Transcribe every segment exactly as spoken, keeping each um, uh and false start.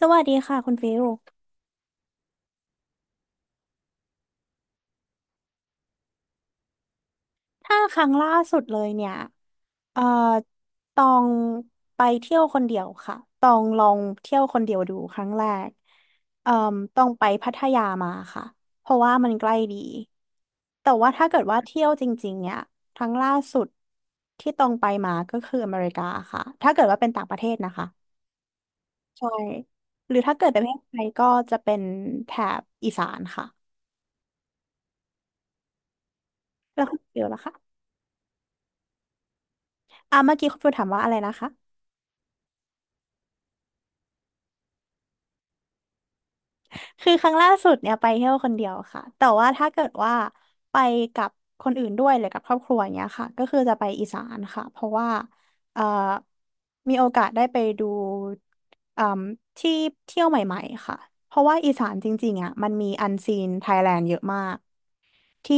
สวัสดีค่ะคุณฟิลถ้าครั้งล่าสุดเลยเนี่ยเอ่อตองไปเที่ยวคนเดียวค่ะตองลองเที่ยวคนเดียวดูครั้งแรกเอ่อต้องไปพัทยามาค่ะเพราะว่ามันใกล้ดีแต่ว่าถ้าเกิดว่าเที่ยวจริงๆเนี่ยครั้งล่าสุดที่ตองไปมาก็คืออเมริกาค่ะถ้าเกิดว่าเป็นต่างประเทศนะคะใช่หรือถ้าเกิดเป็นประเทศไทยก็จะเป็นแถบอีสานค่ะแล้วคุณฟิลล่ะคะอ่าเมื่อกี้คุณฟิลถามว่าอะไรนะคะ คือครั้งล่าสุดเนี่ยไปเที่ยวคนเดียวค่ะแต่ว่าถ้าเกิดว่าไปกับคนอื่นด้วยหรือกับครอบครัวอย่างเงี้ยค่ะก็คือจะไปอีสานค่ะเพราะว่าเอ่อมีโอกาสได้ไปดูเอ่มที่เที่ยวใหม่ๆค่ะเพราะว่าอีสานจริงๆอ่ะมันมีอันซีนไทยแลนด์เยอะมากที่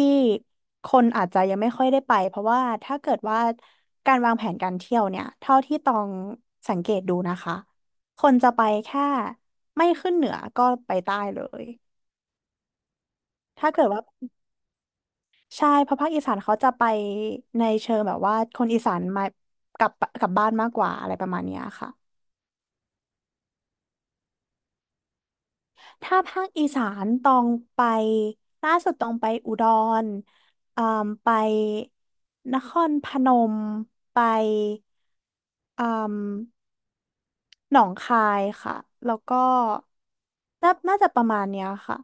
คนอาจจะยังไม่ค่อยได้ไปเพราะว่าถ้าเกิดว่าการวางแผนการเที่ยวเนี่ยเท่าที่ตองสังเกตดูนะคะคนจะไปแค่ไม่ขึ้นเหนือก็ไปใต้เลย ถ้าเกิดว่าใช่เพราะภาคอีสานเขาจะไปในเชิงแบบว่าคนอีสานมากลับกลับบ้านมากกว่าอะไรประมาณเนี้ยค่ะถ้าภาคอีสานต้องไปล่าสุดต้องไปอุดรเอ่มไปนครพนมไปเอ่มหนองคายค่ะแล้วก็น่าน่าจะประมาณเนี้ยค่ะ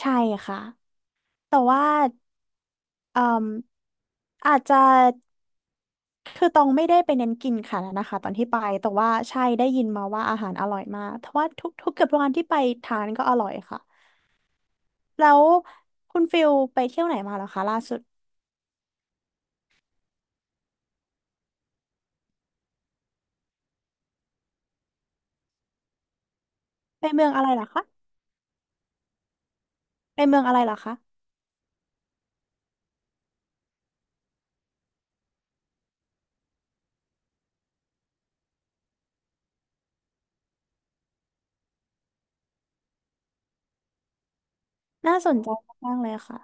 ใช่ค่ะแต่ว่าเอ่มอาจจะ คือตองไม่ได้ไปเน้นกินค่ะนะคะตอนที่ไปแต่ว่าใช่ได้ยินมาว่าอาหารอร่อยมากเพราะว่าทุกทุกเกือบทุกวันที่ไปทานก็อร่อยค่ะแล้วคุณฟิลไปเที่ยวไหนมาเหรอคะล่าสุดไปเมืองอะไรเหรอคะไปเมืองอะไรเหรอคะน่าสนใจมากๆเลยค่ะ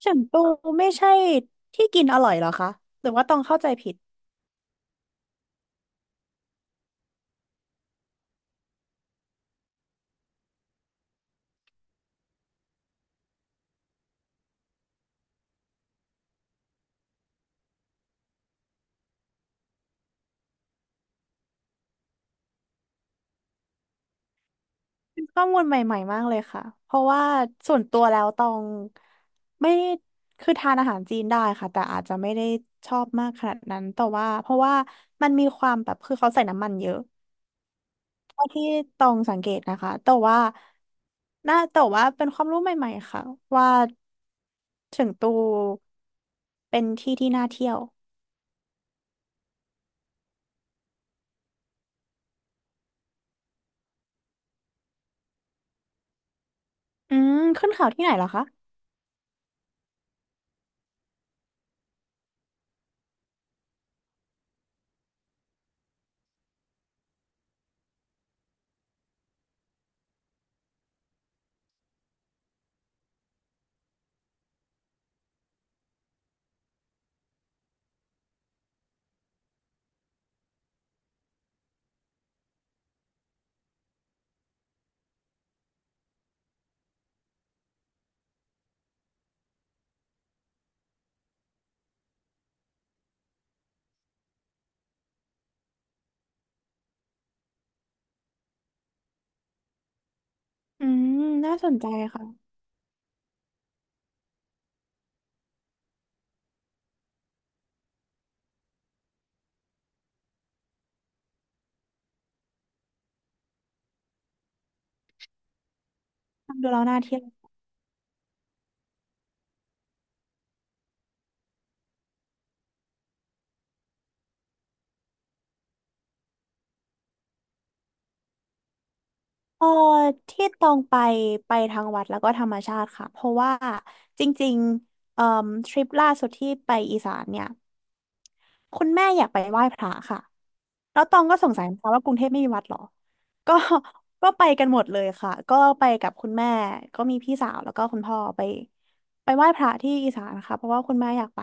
เฉิงตูไม่ใช่ที่กินอร่อยเหรอคะหรือว่าตองเข้าใจผิด ข้อมูลใหม่ๆมากเลยค่ะเพราะว่าส่วนตัวแล้วตองไม่คือทานอาหารจีนได้ค่ะแต่อาจจะไม่ได้ชอบมากขนาดนั้นแต่ว่าเพราะว่ามันมีความแบบคือเขาใส่น้ำมันเยอะเท่าที่ตองสังเกตนะคะแต่ว่าน่าแต่ว่าเป็นความรู้ใหม่ๆ ค่ะว่าเฉิงตูเป็นที่ที่น่าเที่ยวอืมขึ้นเขาที่ไหนเหรอคะอืมน่าสนใจค่ะฟังดูแล้วน่าเที่ยว เออที่ตองไปไปทางวัดแล้วก็ธรรมชาติค่ะเพราะว่าจริงๆเอ่อทริปล่าสุดที่ไปอีสานเนี่ยคุณแม่อยากไปไหว้พระค่ะแล้วตองก็สงสัยนะคะว่ากรุงเทพไม่มีวัดเหรอก็ ก็ไปกันหมดเลยค่ะก็ไปกับคุณแม่ก็มีพี่สาวแล้วก็คุณพ่อไปไปไหว้พระที่อีสานค่ะเพราะว่าคุณแม่อยากไป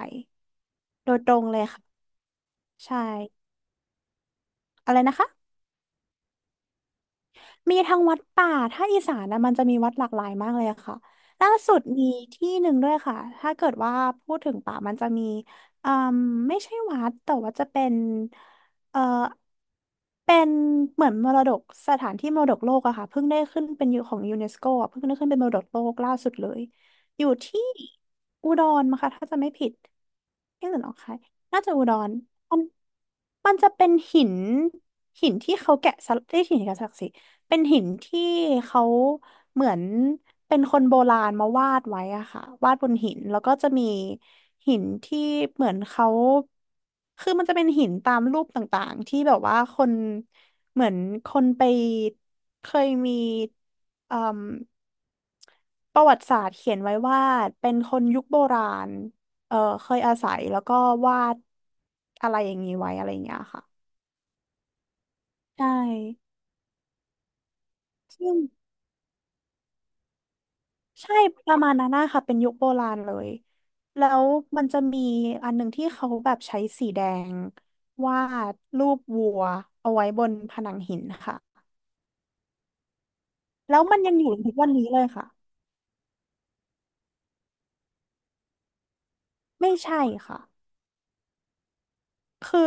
โดยตรงเลยค่ะใช่อะไรนะคะ มีทั้งวัดป่า ถ้าอีสานนะมันจะมีวัดหลากหลายมากเลยอะค่ะล่าสุดมีที่หนึ่งด้วยค่ะ ถ้าเกิดว่าพูดถึงป่ามันจะมีอืมไม่ใช่วัดแต่ว่าจะเป็น เอ่อเป็นเหมือนมรดกสถานที่มรดกโลกอะค่ะเพิ่งได้ขึ้นเป็นอยู่ของยูเนสโกอะเพิ่งได้ขึ้นเป็นมรดกโลกล่าสุดเลยอยู่ที่อุดรมั้งคะถ้าจะไม่ผิดนี่หรือหนองคายน่าจะอุดรมันมันจะเป็นหินหินที่เขาแกะสลักที่หินแกะสลักสิ เป็นหินที่เขาเหมือนเป็นคนโบราณมาวาดไว้อะค่ะวาดบนหินแล้วก็จะมีหินที่เหมือนเขาคือมันจะเป็นหินตามรูปต่างๆที่แบบว่าคนเหมือนคนไปเคยมีเอ่มประวัติศาสตร์เขียนไว้ว่าเป็นคนยุคโบราณเออเคยอาศัยแล้วก็วาดอะไรอย่างนี้ไว้อะไรอย่างเงี้ยค่ะใช่ซึ่ง ใช่ประมาณนั้นนะคะเป็นยุคโบราณเลยแล้วมันจะมีอันหนึ่งที่เขาแบบใช้สีแดงวาดรูปวัวเอาไว้บนผนังหินค่ะแล้วมันยังอยู่ถึงวันนี้เลยค่ะไม่ใช่ค่ะคือ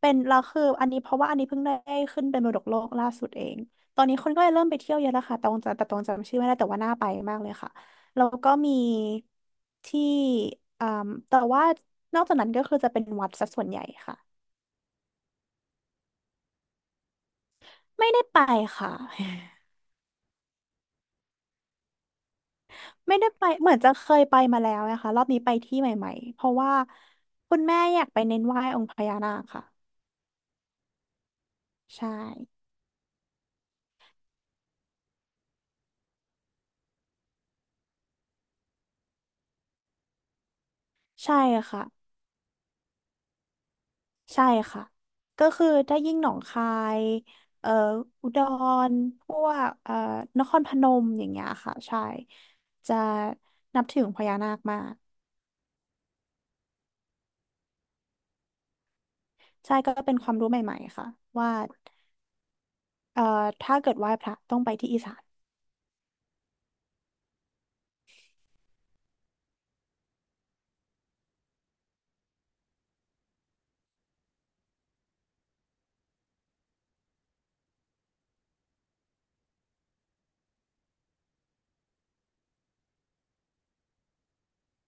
เป็นเราคืออันนี้เพราะว่าอันนี้เพิ่งได้ขึ้นเป็นมรดกโลกล่าสุดเองตอนนี้คนก็เลยเริ่มไปเที่ยวเยอะแล้วค่ะแต่ตรงจะแต่ตรงจำชื่อไม่ได้แต่ว่าน่าไปมากเลยค่ะแล้วก็มีที่อ่าแต่ว่านอกจากนั้นก็คือจะเป็นวัดซะส่วนใหญ่ค่ะ ไม่ได้ไปค่ะ ไม่ได้ไปเหมือนจะเคยไปมาแล้วนะคะรอบนี้ไปที่ใหม่ๆเพราะว่าคุณแม่อยากไปเน้นไหว้องค์พญานาคค่ะใช่ใช่ค่ะใช่ค่ะก็คือได้ยิ่งหนองคายเอ่ออุดรพวกเอ่อนครพนมอย่างเงี้ยค่ะใช่จะนับถือองค์พญานาคมากใช่ก็เป็นความรู้ใหม่ๆค่ะว่าเอ่อถ้าเกิดไหว้พระต้องไปที่อีสาน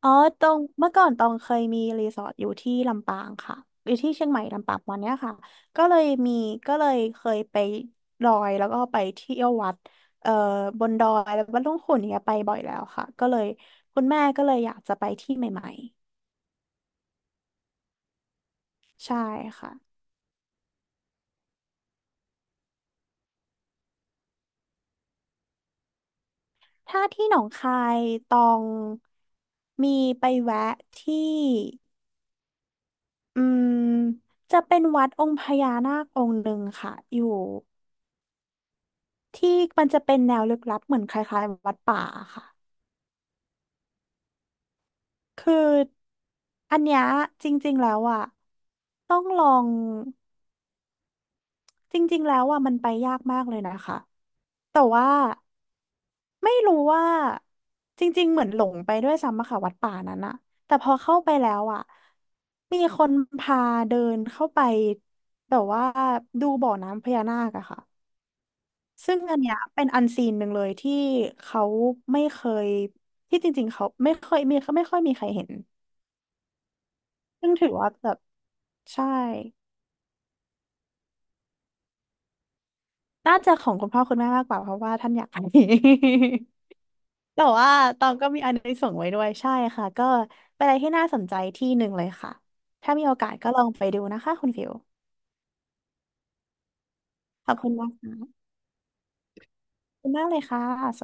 อ๋อตรงเมื่อก่อนตองเคยมีรีสอร์ทอยู่ที่ลำปางค่ะอยู่ที่เชียงใหม่ลำปางประมันเนี้ยค่ะก็เลยมีก็เลยเคยไปดอยแล้วก็ไปเที่ยววัดเอ่อบนดอยแล้ววัดหลวงขุ่นอย่างเนี้ยไปบ่อยแล้วค่ะก็เลยคุณแม่ก็เลยอยากจะไปที่ใหม่ๆใช่ค่ะถ้าที่หนองคายตองมีไปแวะที่อืมจะเป็นวัดองค์พญานาคองค์หนึ่งค่ะอยู่ ที่มันจะเป็นแนวลึกลับเหมือนคล้ายๆวัดป่าค่ะ คืออันเนี้ยจริงๆแล้วอ่ะต้องลองจริงๆแล้วอ่ะมันไปยากมากเลยนะคะแต่ว่าไม่รู้ว่าจริงๆเหมือนหลงไปด้วยซ้ำอะค่ะวัดป่านั้นอะแต่พอเข้าไปแล้วอ่ะมีคนพาเดินเข้าไปแต่ว่าดูบ่อน้ำพญานาคอะค่ะ ซึ่งอันเนี้ยเป็นอันซีนหนึ่งเลยที่เขาไม่เคยที่จริงๆเขาไม่เคยมีไม่ค่อยมีใครเห็นซึ่งถือว่าแบบใช่น่าจะของคุณพ่อคุณแม่มากกว่าเพราะว่าท่านอยากไป แต่ว่าตองก็มีอันนี้ส่งส์ไว้ด้วยใช่ค่ะก็เป็นอะไรที่น่าสนใจที่หนึ่งเลยค่ะถ้ามีโอกาสก็ลองไปดูนะคะคุณฟิวขอบคุณมากค่ะขอบคุณมากเลยค่ะ